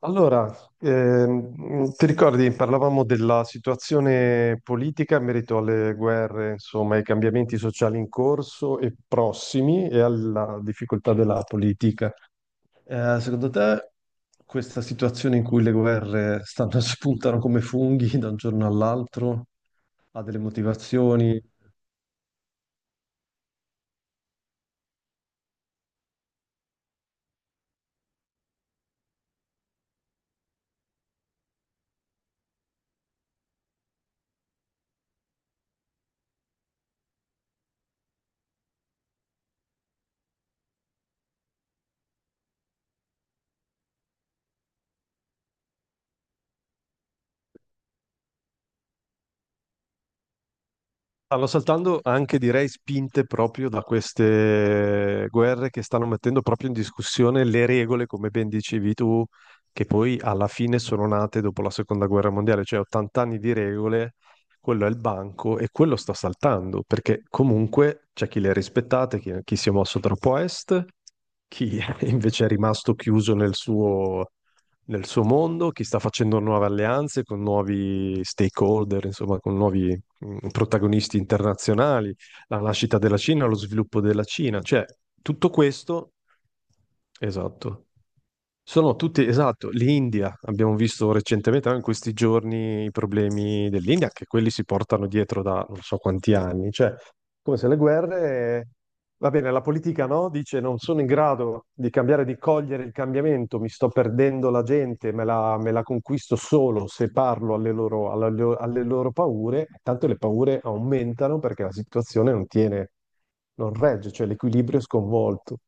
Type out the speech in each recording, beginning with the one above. Allora, ti ricordi, parlavamo della situazione politica in merito alle guerre, insomma, ai cambiamenti sociali in corso e prossimi e alla difficoltà della politica. Secondo te, questa situazione in cui le guerre stanno, spuntano come funghi da un giorno all'altro, ha delle motivazioni? Stanno saltando anche, direi, spinte proprio da queste guerre che stanno mettendo proprio in discussione le regole, come ben dicevi tu, che poi alla fine sono nate dopo la seconda guerra mondiale, cioè 80 anni di regole, quello è il banco e quello sta saltando, perché comunque c'è chi le ha rispettate, chi, chi si è mosso troppo a est, chi invece è rimasto chiuso nel suo mondo, chi sta facendo nuove alleanze con nuovi stakeholder, insomma, con nuovi protagonisti internazionali, la nascita della Cina, lo sviluppo della Cina, cioè tutto questo, esatto. Sono tutti, esatto, l'India, abbiamo visto recentemente anche in questi giorni i problemi dell'India, che quelli si portano dietro da non so quanti anni, cioè come se le guerre. Va bene, la politica no, dice non sono in grado di cambiare, di cogliere il cambiamento, mi sto perdendo la gente, me la conquisto solo se parlo alle loro, alle loro paure, tanto le paure aumentano perché la situazione non tiene, non regge, cioè l'equilibrio è sconvolto.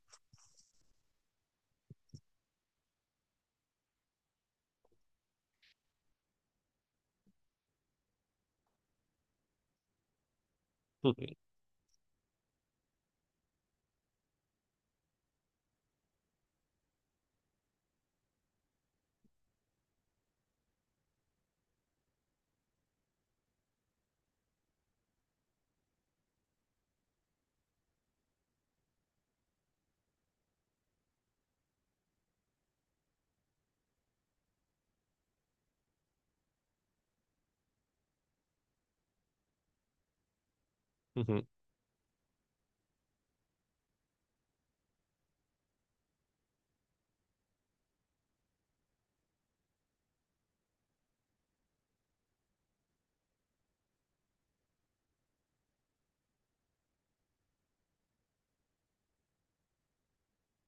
Mhm.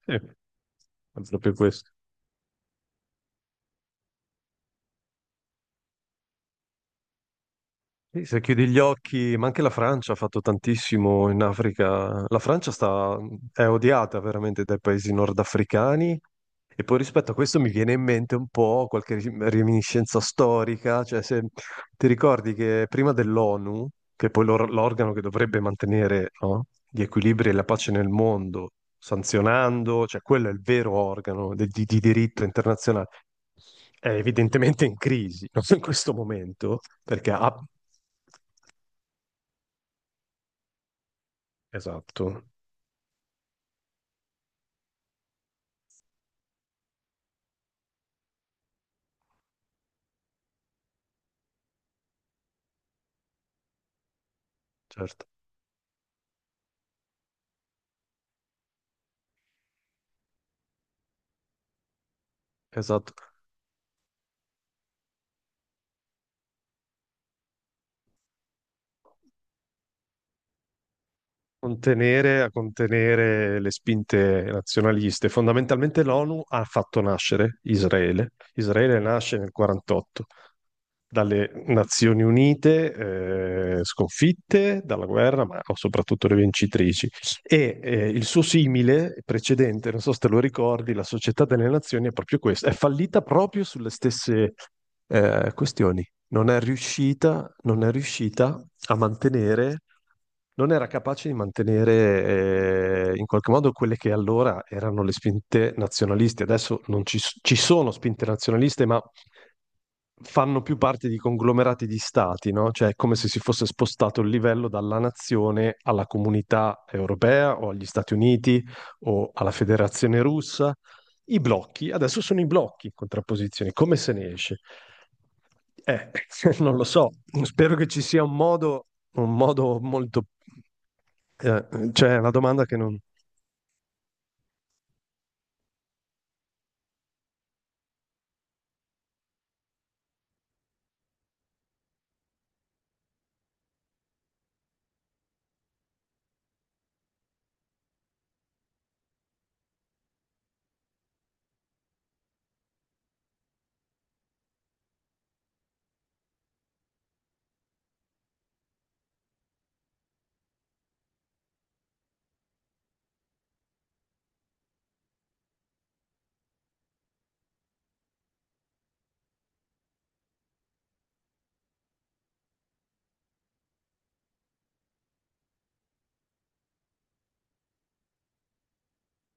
Sì, è proprio questo. Sì, se chiudi gli occhi, ma anche la Francia ha fatto tantissimo in Africa. La Francia sta- è odiata veramente dai paesi nordafricani. E poi rispetto a questo mi viene in mente un po' qualche reminiscenza storica, cioè se ti ricordi che prima dell'ONU, che poi l'organo che dovrebbe mantenere, no, gli equilibri e la pace nel mondo, sanzionando, cioè quello è il vero organo di diritto internazionale, è evidentemente in crisi, no? in questo momento, perché ha. Esatto, certo, esatto. Contenere, a contenere le spinte nazionaliste. Fondamentalmente l'ONU ha fatto nascere Israele. Israele nasce nel 48 dalle Nazioni Unite, sconfitte dalla guerra, ma soprattutto le vincitrici. E il suo simile precedente, non so se te lo ricordi, la Società delle Nazioni è proprio questa, è fallita proprio sulle stesse questioni. Non è riuscita, non è riuscita a mantenere, non era capace di mantenere in qualche modo quelle che allora erano le spinte nazionaliste. Adesso non ci, ci sono spinte nazionaliste, ma fanno più parte di conglomerati di stati, no? Cioè è come se si fosse spostato il livello dalla nazione alla comunità europea o agli Stati Uniti o alla Federazione Russa. I blocchi, adesso sono i blocchi in contrapposizione, come se ne esce? Eh, non lo so, spero che ci sia un modo molto... eh, cioè, è una domanda che non...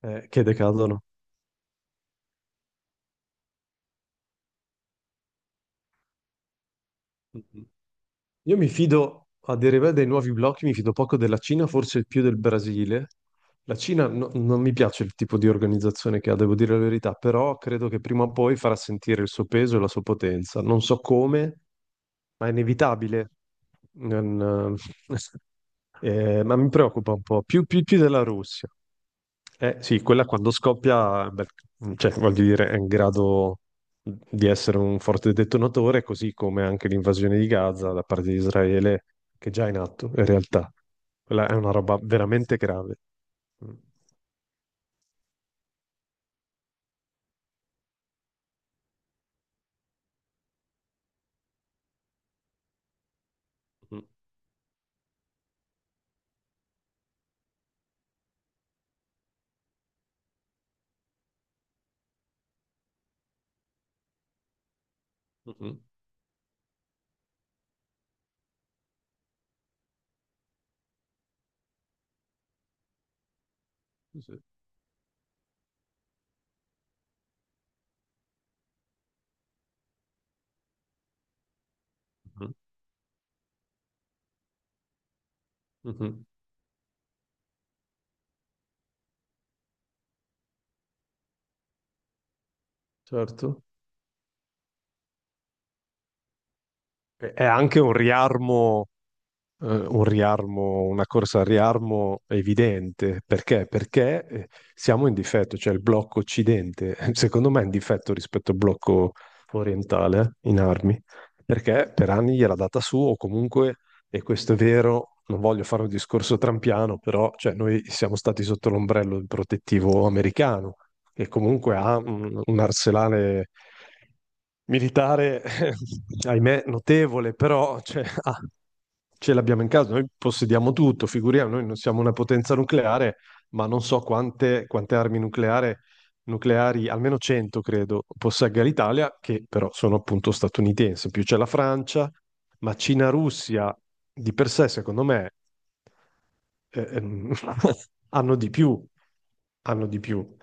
che decadono. Mhm. Io mi fido, a deriva dei nuovi blocchi, mi fido poco della Cina, forse più del Brasile. La Cina non mi piace il tipo di organizzazione che ha, devo dire la verità, però credo che prima o poi farà sentire il suo peso e la sua potenza. Non so come, ma è inevitabile. Non, eh, ma mi preoccupa un po', più, più della Russia. Eh sì, quella quando scoppia, beh, cioè, voglio dire, è in grado di essere un forte detonatore, così come anche l'invasione di Gaza da parte di Israele, che è già in atto, in realtà. Quella è una roba veramente grave. Mm. Mhm, mhm, sì, sì. Mhm, mhm. Certo. È anche un riarmo, una corsa al riarmo evidente. Perché? Perché siamo in difetto, cioè il blocco occidente, secondo me, è in difetto rispetto al blocco orientale in armi, perché per anni gliel'ha data su, o comunque, e questo è vero, non voglio fare un discorso trampiano, però cioè, noi siamo stati sotto l'ombrello protettivo americano che comunque ha un arsenale militare, ahimè, notevole, però cioè, ah, ce l'abbiamo in casa, noi possediamo tutto, figuriamo, noi non siamo una potenza nucleare, ma non so quante, quante nucleari, almeno 100 credo, possegga l'Italia, che però sono appunto statunitensi, in più c'è la Francia, ma Cina-Russia di per sé, secondo me, eh, ehm, hanno di più, hanno di più.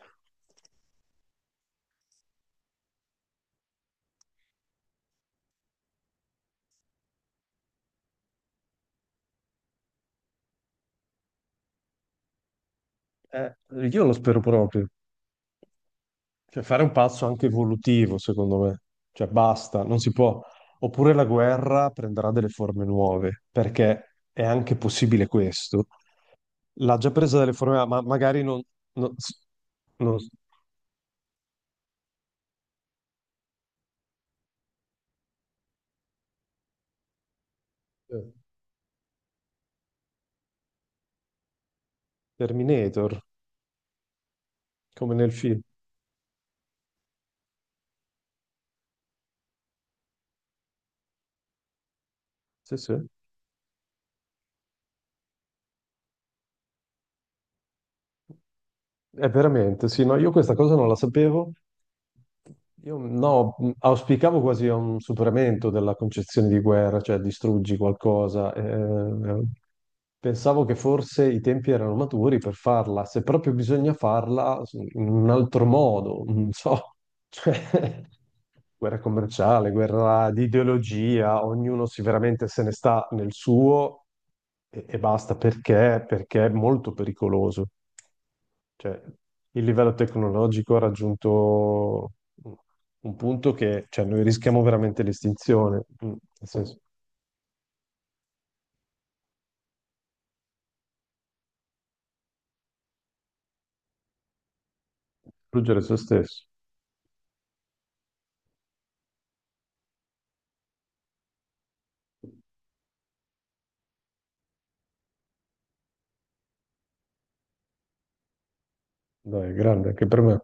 Eh, io lo spero proprio. Cioè, fare un passo anche evolutivo, secondo me. Cioè, basta, non si può. Oppure la guerra prenderà delle forme nuove, perché è anche possibile questo. L'ha già presa delle forme, ma magari non... non, non- eh, Terminator, come nel film. Sì, sì. È veramente, sì, no, io questa cosa non la sapevo. Io no, auspicavo quasi a un superamento della concezione di guerra, cioè distruggi qualcosa. Pensavo che forse i tempi erano maturi per farla, se proprio bisogna farla in un altro modo, non so, cioè, guerra commerciale, guerra di ideologia, ognuno si veramente se ne sta nel suo e basta perché, perché è molto pericoloso. Cioè, il livello tecnologico ha raggiunto un punto che, cioè, noi rischiamo veramente l'estinzione, Mm, nel senso, distruggere se stesso. Dai, è grande anche per me.